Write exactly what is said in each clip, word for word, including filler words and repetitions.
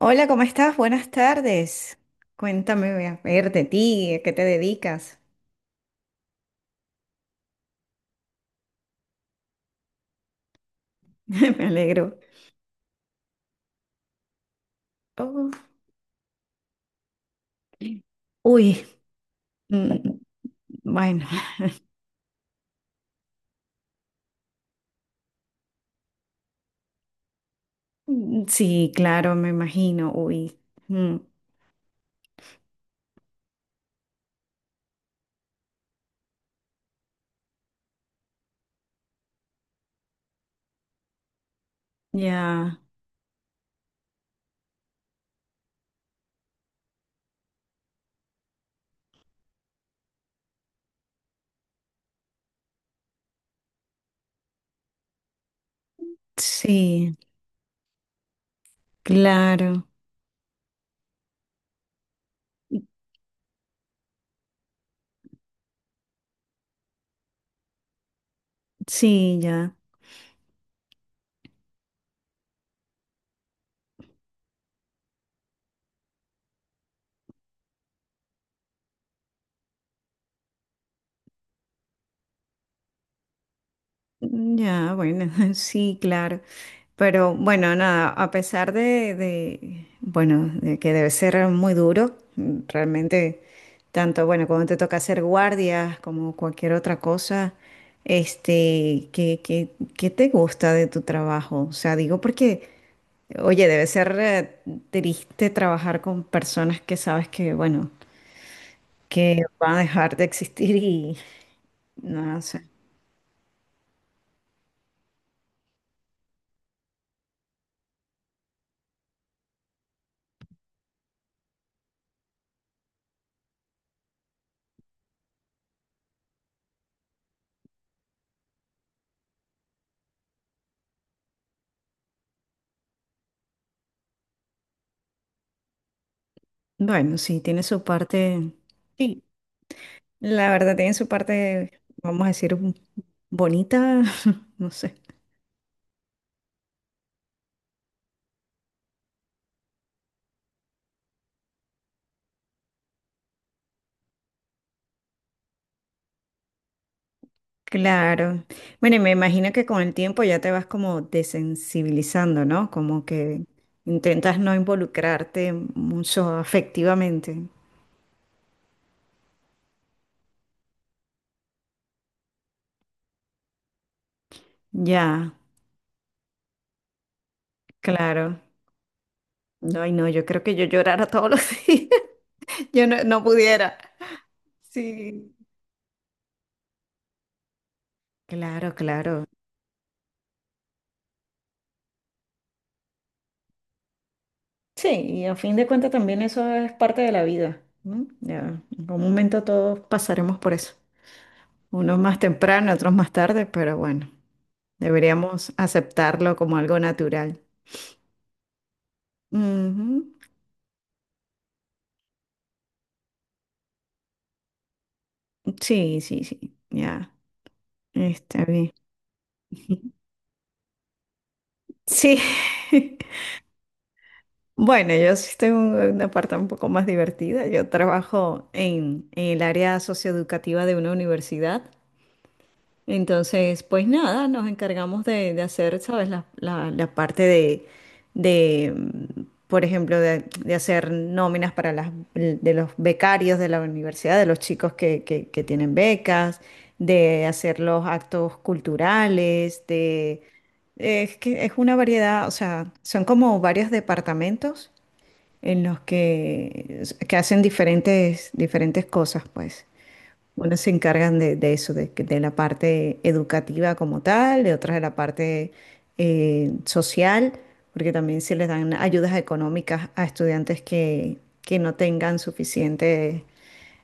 Hola, ¿cómo estás? Buenas tardes. Cuéntame, a ver, de ti, ¿a qué te dedicas? Me alegro. Oh, uy, mm, bueno, mm, sí, claro, me imagino, uy, mm, ya, sí, claro, sí, ya. Mm. Ya, bueno, sí, claro. Pero bueno, nada, a pesar de, de, bueno, de que debe ser muy duro, mm, realmente, tanto, bueno, cuando te toca hacer guardias como cualquier otra cosa, este, ¿qué, qué, qué te gusta de tu trabajo? O sea, digo porque, oye, debe ser eh, triste trabajar con personas que sabes que, bueno, que van a dejar de existir y, no sé. Bueno, sí, tiene su parte. Sí, la verdad tiene su parte, vamos a decir, un- bonita, no sé. Claro. Bueno, y me imagino que con el tiempo ya te vas como desensibilizando, ¿no? Como que intentas no involucrarte mucho afectivamente. Ya, claro. No, ay, no, yo creo que yo llorara todos los días. Yo no, no pudiera. Sí. Claro, claro. Sí, y a fin de cuentas también eso es parte de la vida, ¿no? Ya, en algún momento todos pasaremos por eso. Unos más temprano, otros más tarde, pero bueno, deberíamos aceptarlo como algo natural. Ujú. Sí, sí, sí, ya, está bien. Sí. Bueno, yo sí tengo una parte un poco más divertida. Yo trabajo en, en el área socioeducativa de una universidad. Entonces, pues nada, nos encargamos de, de hacer, ¿sabes? La, la- la parte de, de, mm, por ejemplo, de, de hacer nóminas para las, de los becarios de la universidad, de los chicos que, que- que tienen becas, de hacer los actos culturales, de... Es que es una variedad, o sea, son como varios departamentos en los que, que hacen diferentes, diferentes cosas, pues. Unos se encargan de, de eso, de, que- de la parte educativa como tal, de otras de la parte eh, social, porque también se les dan ayudas económicas a estudiantes que, que no tengan suficientes,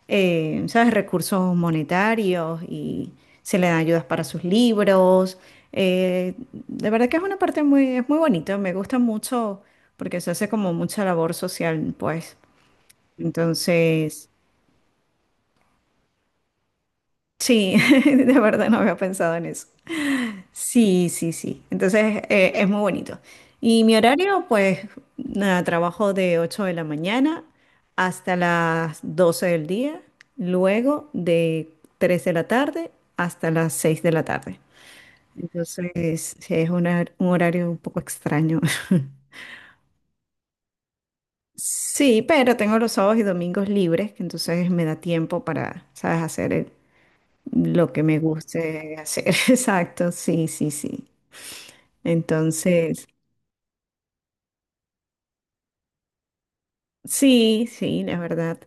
eh, ¿sabes?, recursos monetarios y se les dan ayudas para sus libros. Eh, de verdad que es una parte muy, es muy bonita, me gusta mucho porque se hace como mucha labor social, pues. Entonces... Sí, de verdad no había pensado en eso. Sí, sí, sí. Entonces eh, es muy bonito. Y mi horario, pues nada, trabajo de ocho de la mañana hasta las doce del día, luego de tres de la tarde hasta las seis de la tarde. Entonces sí, es una- un horario un poco extraño. Sí, pero tengo los sábados y domingos libres, que entonces me da tiempo para, ¿sabes? Hacer eh, lo que me guste hacer. Exacto, sí, sí, sí. Entonces, sí, sí, la verdad.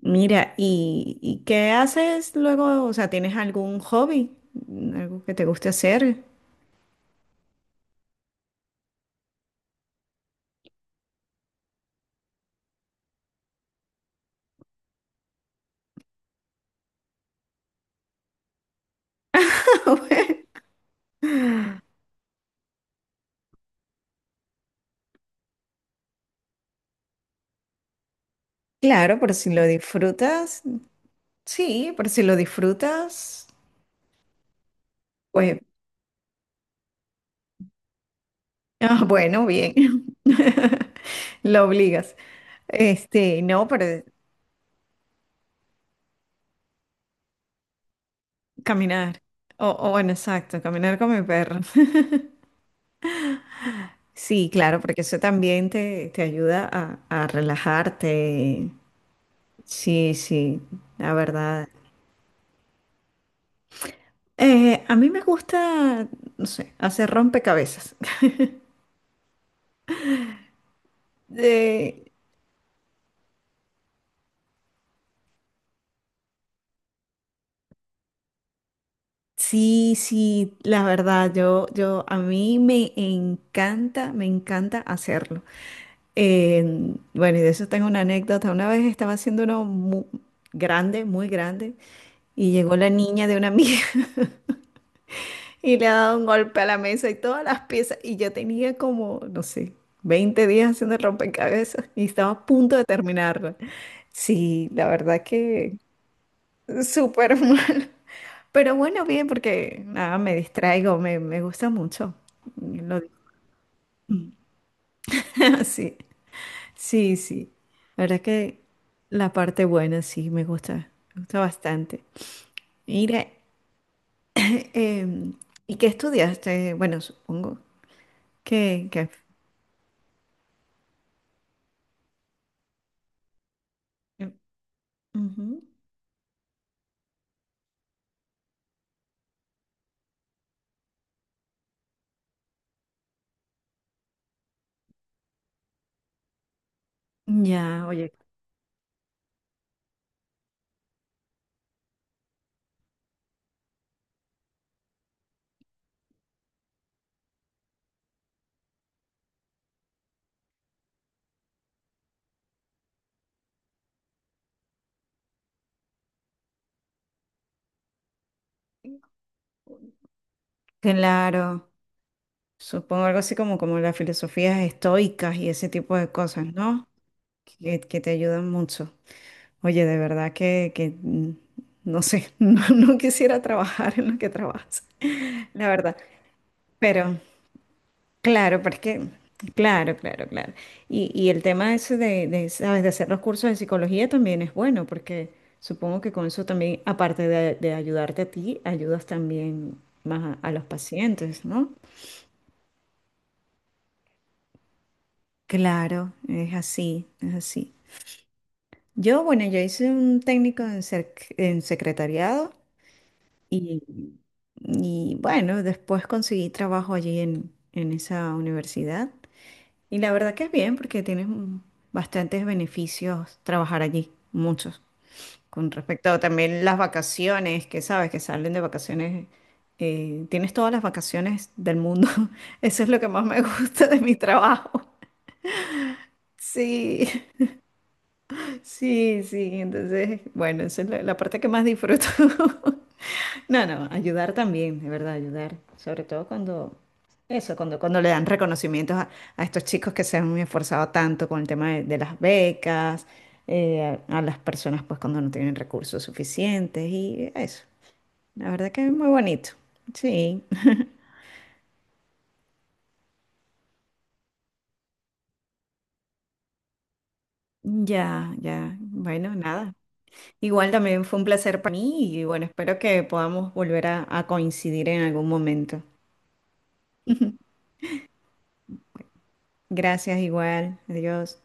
Mira, ¿y, y qué haces luego? O sea, ¿tienes algún hobby? ¿Algo que te guste hacer? Claro, por si lo disfrutas. Sí, por si lo disfrutas. Pues, ah, bueno, bien. Lo obligas. Este, no, pero caminar. O, o bueno, exacto, caminar con mi perro. Sí, claro, porque eso también te, te ayuda a, a relajarte. Sí, sí, la verdad. Eh, a mí me gusta, no sé, hacer rompecabezas. Eh, sí, sí, la verdad, yo, yo, a mí me encanta, me encanta hacerlo. Eh, bueno, y de eso tengo una anécdota. Una vez estaba haciendo uno muy grande, muy grande, y llegó la niña de una amiga. Y le ha dado un golpe a la mesa y todas las piezas. Y yo tenía como, no sé, veinte días haciendo el rompecabezas y estaba a punto de terminarla. Sí, la verdad que súper mal. Pero bueno, bien, porque nada, me distraigo, me, me gusta mucho. Lo, sí, sí, sí. La verdad que la parte buena sí me gusta, me gusta bastante. Mira, em, ¿y qué estudiaste? Bueno, supongo que, que... Ujú. Ya, oye, claro. Supongo algo así como, como las filosofías estoicas y ese tipo de cosas, ¿no? Que, que te ayudan mucho. Oye, de verdad que, que mm, no sé, no, no quisiera trabajar en lo que trabajas, la verdad. Pero, claro, pero es que, claro, claro, claro. Y, y el tema ese de, de, ¿sabes? De hacer los cursos de psicología también es bueno, porque supongo que con eso también, aparte de, de ayudarte a ti, ayudas también más a a los pacientes, ¿no? Claro, es así, es así. Yo, bueno, yo hice un técnico en, sec- en secretariado y, y, bueno, después conseguí trabajo allí en, en esa universidad. Y la verdad que es bien porque tienes mm, bastantes beneficios trabajar allí, muchos. Con respecto a también las vacaciones, que sabes que salen de vacaciones, eh, tienes todas las vacaciones del mundo. Eso es lo que más me gusta de mi trabajo. Sí. Sí, sí, entonces, bueno, esa es la, la parte que más disfruto. No, no, ayudar también, de verdad, ayudar. Sobre todo cuando, eso, cuando, cuando le dan reconocimientos a, a estos chicos que se han esforzado tanto con el tema de, de las becas, eh, a, a las personas pues cuando no tienen recursos suficientes y eso. La verdad que es muy bonito. Sí, ya, ya. Bueno, nada. Igual también fue un placer para mí y bueno, espero que podamos volver a a coincidir en algún momento. Gracias igual. Adiós.